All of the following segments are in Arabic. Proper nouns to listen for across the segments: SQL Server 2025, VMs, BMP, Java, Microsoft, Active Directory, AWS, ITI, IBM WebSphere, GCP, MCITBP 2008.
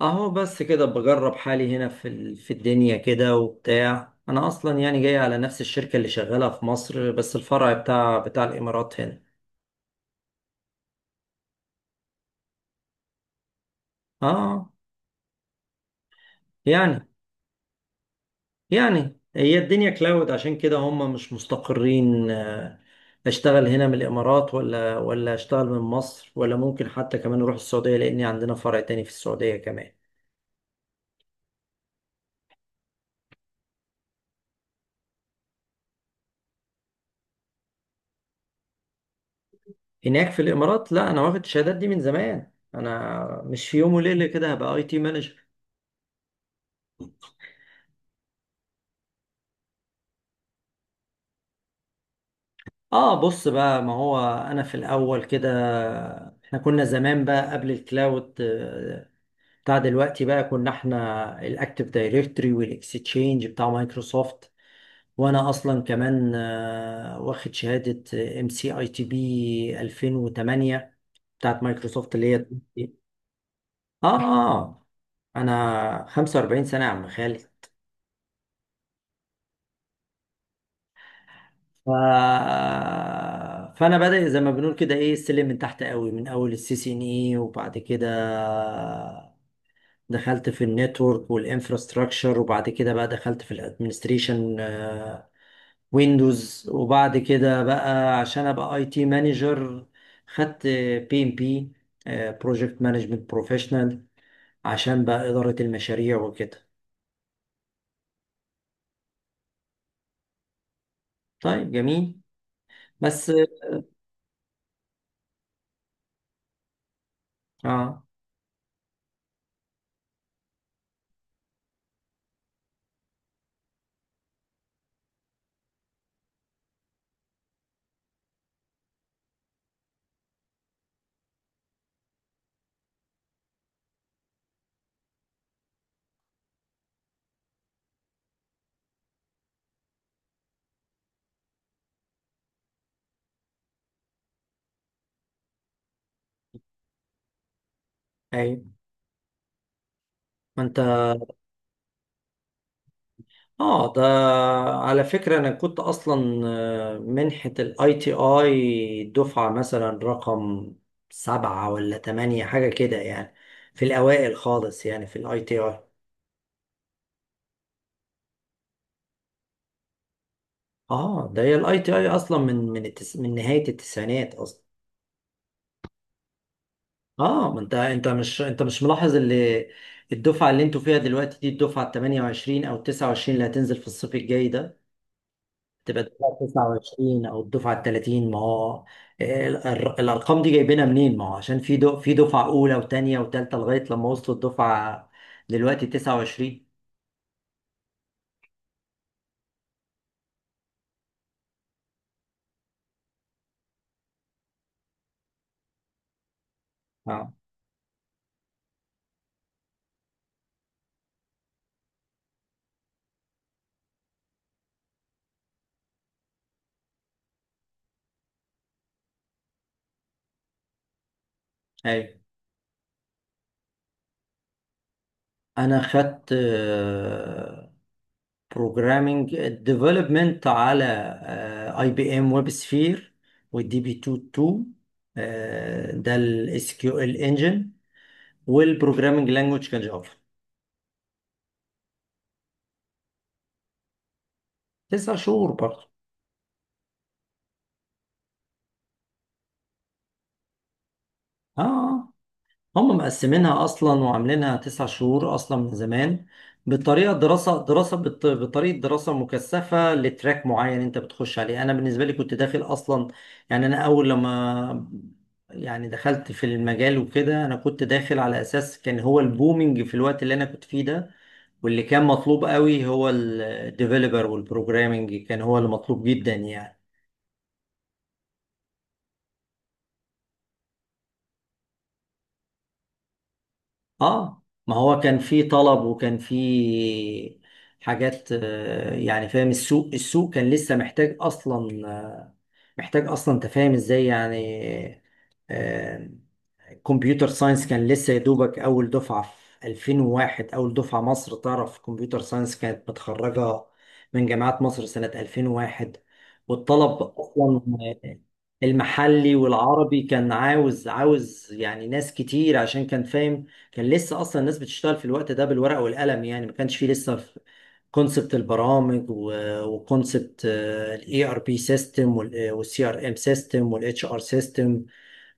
اهو بس كده بجرب حالي هنا في الدنيا كده وبتاع. انا اصلا يعني جاي على نفس الشركة اللي شغالة في مصر، بس الفرع بتاع الامارات هنا. اه، يعني يعني هي الدنيا كلاود عشان كده هم مش مستقرين. اشتغل هنا من الامارات، ولا اشتغل من مصر، ولا ممكن حتى كمان اروح السعودية لان عندنا فرع تاني في السعودية كمان. هناك في الامارات، لا، انا واخد الشهادات دي من زمان، انا مش في يوم وليلة كده هبقى اي تي مانجر. اه، بص بقى، ما هو انا في الاول كده احنا كنا زمان بقى قبل الكلاود بتاع دلوقتي بقى، كنا احنا الاكتف دايركتوري والاكستشينج بتاع مايكروسوفت. وانا اصلا كمان واخد شهادة ام سي اي تي بي 2008 بتاعت مايكروسوفت اللي هي اه. انا 45 سنة يا عم خالد. ف... فانا بادئ زي ما بنقول كده، ايه، السلم من تحت قوي، من اول السي سي ان اي، وبعد كده دخلت في النتورك والانفراستراكشر، وبعد كده بقى دخلت في الادمنستريشن ويندوز، وبعد كده بقى عشان ابقى اي تي مانجر خدت بي ام بي، بروجكت مانجمنت بروفيشنال، عشان بقى اداره المشاريع وكده. طيب جميل. بس. اه، ايوه، ما انت. اه، ده على فكرة انا كنت اصلا منحة الاي تي اي دفعة مثلا رقم سبعة ولا تمانية حاجة كده يعني، في الاوائل خالص يعني في الاي تي اي. اه، ده هي الاي تي اي اصلا من من نهاية التسعينات اصلا. اه، ما انت، انت مش ملاحظ اللي، الدفعة اللي انتوا فيها دلوقتي دي الدفعة ال 28 او 29 اللي هتنزل في الصيف الجاي ده، تبقى الدفعه 29 او الدفعه ال 30. ما هو الارقام دي جايبينها منين؟ ما هو عشان في دفعه اولى وثانيه وثالثه لغايه لما وصلوا الدفعه دلوقتي 29. اه، ايوه. انا خدت بروجرامينج ديفلوبمنت على اي بي ام ويب سفير، والدي بي 2 2، ده الاس كيو ال انجن، والبروجرامينج لانجوج كان جافا. تسع شهور برضه. اه، هم مقسمينها اصلا وعاملينها تسع شهور اصلا من زمان. بطريقه دراسه مكثفه لتراك معين انت بتخش عليه. انا بالنسبه لي كنت داخل اصلا، يعني، انا اول لما، يعني، دخلت في المجال وكده، انا كنت داخل على اساس كان هو البومينج في الوقت اللي انا كنت فيه ده، واللي كان مطلوب قوي هو الديفلوبر، والبروجرامينج كان هو اللي مطلوب جدا يعني. اه، ما هو كان في طلب، وكان في حاجات، يعني، فاهم؟ السوق كان لسه محتاج اصلا، محتاج اصلا تفاهم ازاي يعني. آه، كمبيوتر ساينس كان لسه يا دوبك اول دفعه في 2001، اول دفعه مصر تعرف كمبيوتر ساينس كانت متخرجه من جامعات مصر سنه 2001. والطلب اصلا المحلي والعربي كان عاوز عاوز يعني ناس كتير، عشان كان فاهم، كان لسه اصلا الناس بتشتغل في الوقت ده بالورقه والقلم يعني، ما كانش فيه لسه كونسبت البرامج، وكونسبت الاي ار بي سيستم، والسي ار ام سيستم، والاتش ار سيستم،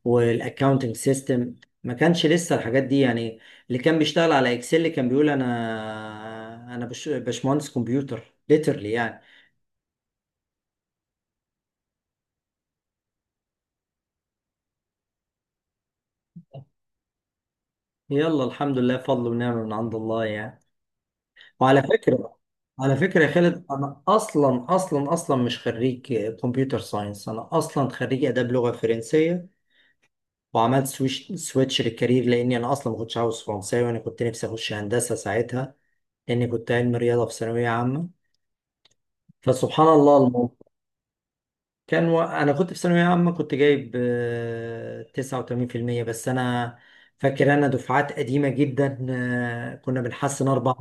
والاكاونتنج سيستم، ما كانش لسه الحاجات دي يعني. اللي كان بيشتغل على اكسل كان بيقول باشمهندس كمبيوتر ليترلي يعني. يلا، الحمد لله، فضل ونعمه من عند الله يعني. وعلى فكره، على فكره يا خالد، انا اصلا مش خريج كمبيوتر ساينس، انا اصلا خريج اداب لغه فرنسيه، وعملت سويتش للكارير، لاني انا اصلا ما كنتش عاوز فرنساوي، وانا كنت نفسي اخش هندسه ساعتها، لاني كنت علم رياضه في ثانويه عامه. فسبحان الله الموضوع انا كنت في ثانويه عامه كنت جايب 89% بس. انا فاكر انا دفعات قديمه جدا، كنا بنحسن اربع.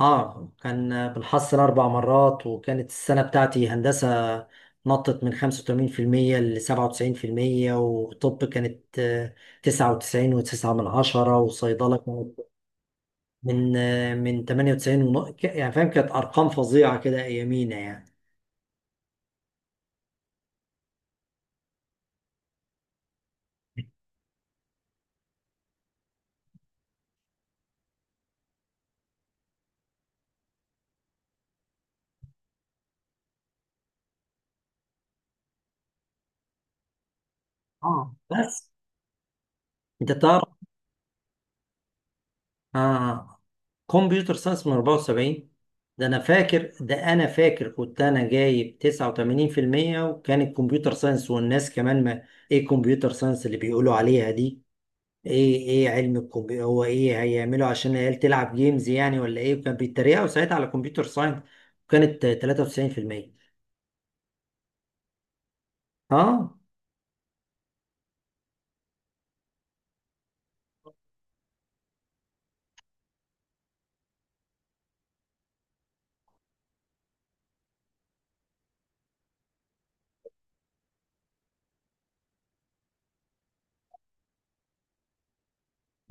اه، كان بالحصل اربع مرات، وكانت السنه بتاعتي هندسه نطت من 85% ل 97%، وطب كانت 99 و9 من عشرة، وصيدله كانت من من 98. يعني فاهم، كانت ارقام فظيعه كده ايامينا يعني. اه، بس انت تعرف. اه. آه. كمبيوتر ساينس من 74، ده انا فاكر، ده انا فاكر كنت انا جايب 89%، وكان الكمبيوتر ساينس والناس كمان ما. ايه كمبيوتر ساينس اللي بيقولوا عليها دي؟ ايه، ايه علم الكمبيوتر، هو ايه هيعملوا عشان العيال تلعب جيمز يعني ولا ايه؟ وكان بيتريقوا ساعتها على كمبيوتر ساينس، وكانت 93%. اه،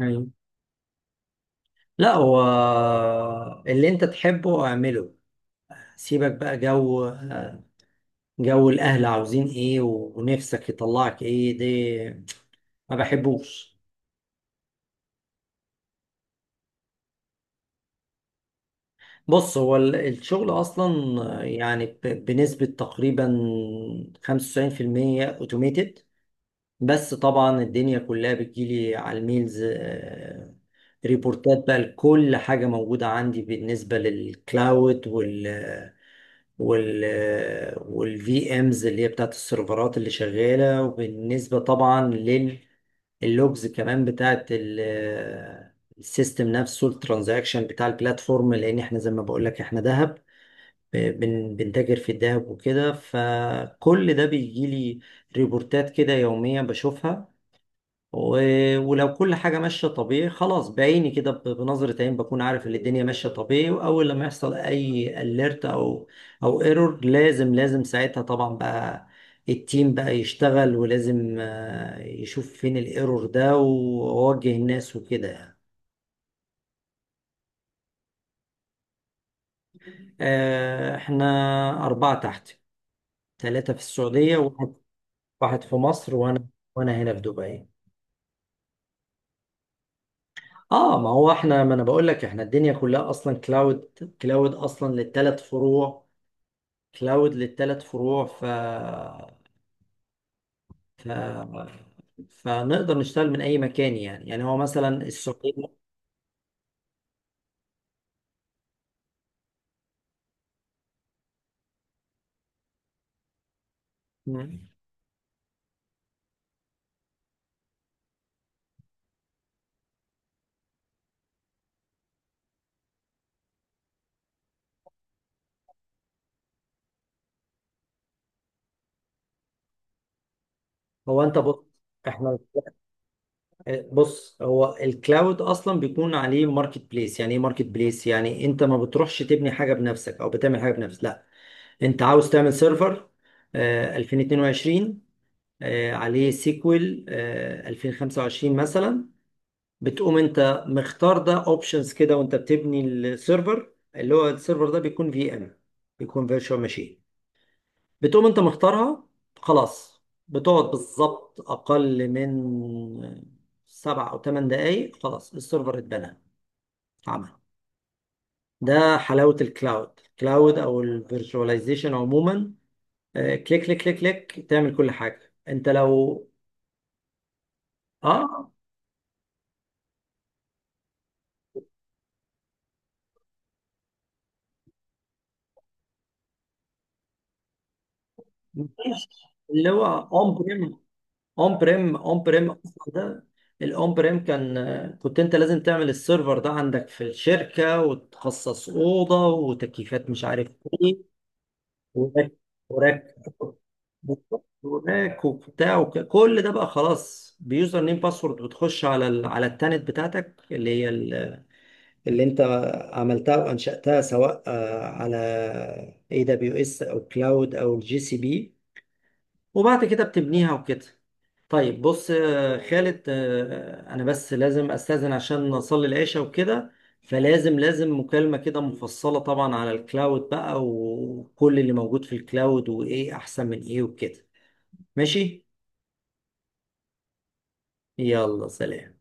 أيوة. لا، هو اللي انت تحبه اعمله، سيبك بقى جو، جو الاهل عاوزين ايه ونفسك يطلعك ايه دي، ما بحبوش. بص، هو الشغل أصلا يعني، بنسبة تقريبا 95% أوتوميتد. بس طبعا الدنيا كلها بتجيلي على الميلز. ريبورتات بقى لكل حاجة موجودة عندي، بالنسبة للكلاود وال، والفي امز اللي هي بتاعت السيرفرات اللي شغاله، وبالنسبه طبعا لللوجز كمان بتاعت السيستم نفسه، الترانزاكشن بتاع البلاتفورم، لان احنا زي ما بقول لك احنا ذهب، بنتاجر في الذهب وكده. فكل ده بيجي لي ريبورتات كده يوميا بشوفها، ولو كل حاجة ماشية طبيعي، خلاص بعيني كده، بنظرة عين بكون عارف ان الدنيا ماشية طبيعي. واول لما يحصل اي اليرت او او ايرور، لازم لازم ساعتها طبعا بقى التيم بقى يشتغل، ولازم يشوف فين الايرور ده ووجه الناس وكده يعني. احنا أربعة تحت، ثلاثة في السعودية وواحد، واحد في مصر وانا، وانا هنا في دبي. اه، ما هو احنا، ما انا بقول لك احنا الدنيا كلها اصلا كلاود، كلاود اصلا للثلاث فروع، كلاود للثلاث فروع. ف... فنقدر نشتغل من اي مكان يعني، يعني هو مثلا السعوديه. مم. هو انت بص، احنا، بص، هو الكلاود اصلا بيكون عليه ماركت بليس. يعني ايه ماركت بليس؟ يعني انت ما بتروحش تبني حاجه بنفسك او بتعمل حاجه بنفسك، لا، انت عاوز تعمل سيرفر 2022 عليه سيكوال 2025 مثلا، بتقوم انت مختار ده اوبشنز كده، وانت بتبني السيرفر. اللي هو السيرفر ده بيكون في ام، بيكون فيرتشوال ماشين، بتقوم انت مختارها، خلاص. بتقعد بالظبط اقل من سبع او ثمان دقايق خلاص السيرفر اتبنى، عمل. ده حلاوة الكلاود، كلاود او الفيرتشواليزيشن عموما. كليك كليك كليك كليك، تعمل كل حاجة انت لو. اه، مفيش اللي هو اون اون بريم اصلا ده. الاون بريم كان، كنت انت لازم تعمل السيرفر ده عندك في الشركه، وتخصص اوضه وتكييفات مش عارف ايه، وراك وراك وراك وبتاع، كل ده بقى خلاص، بيوزر نيم باسورد بتخش على على التانت بتاعتك اللي هي اللي انت عملتها وانشاتها، سواء على اي دبليو اس او كلاود او الجي سي بي، وبعد كده بتبنيها وكده. طيب بص خالد، انا بس لازم استاذن عشان اصلي العشاء وكده. فلازم لازم مكالمة كده مفصلة طبعا على الكلاود بقى، وكل اللي موجود في الكلاود، وايه احسن من ايه وكده. ماشي، يلا سلام.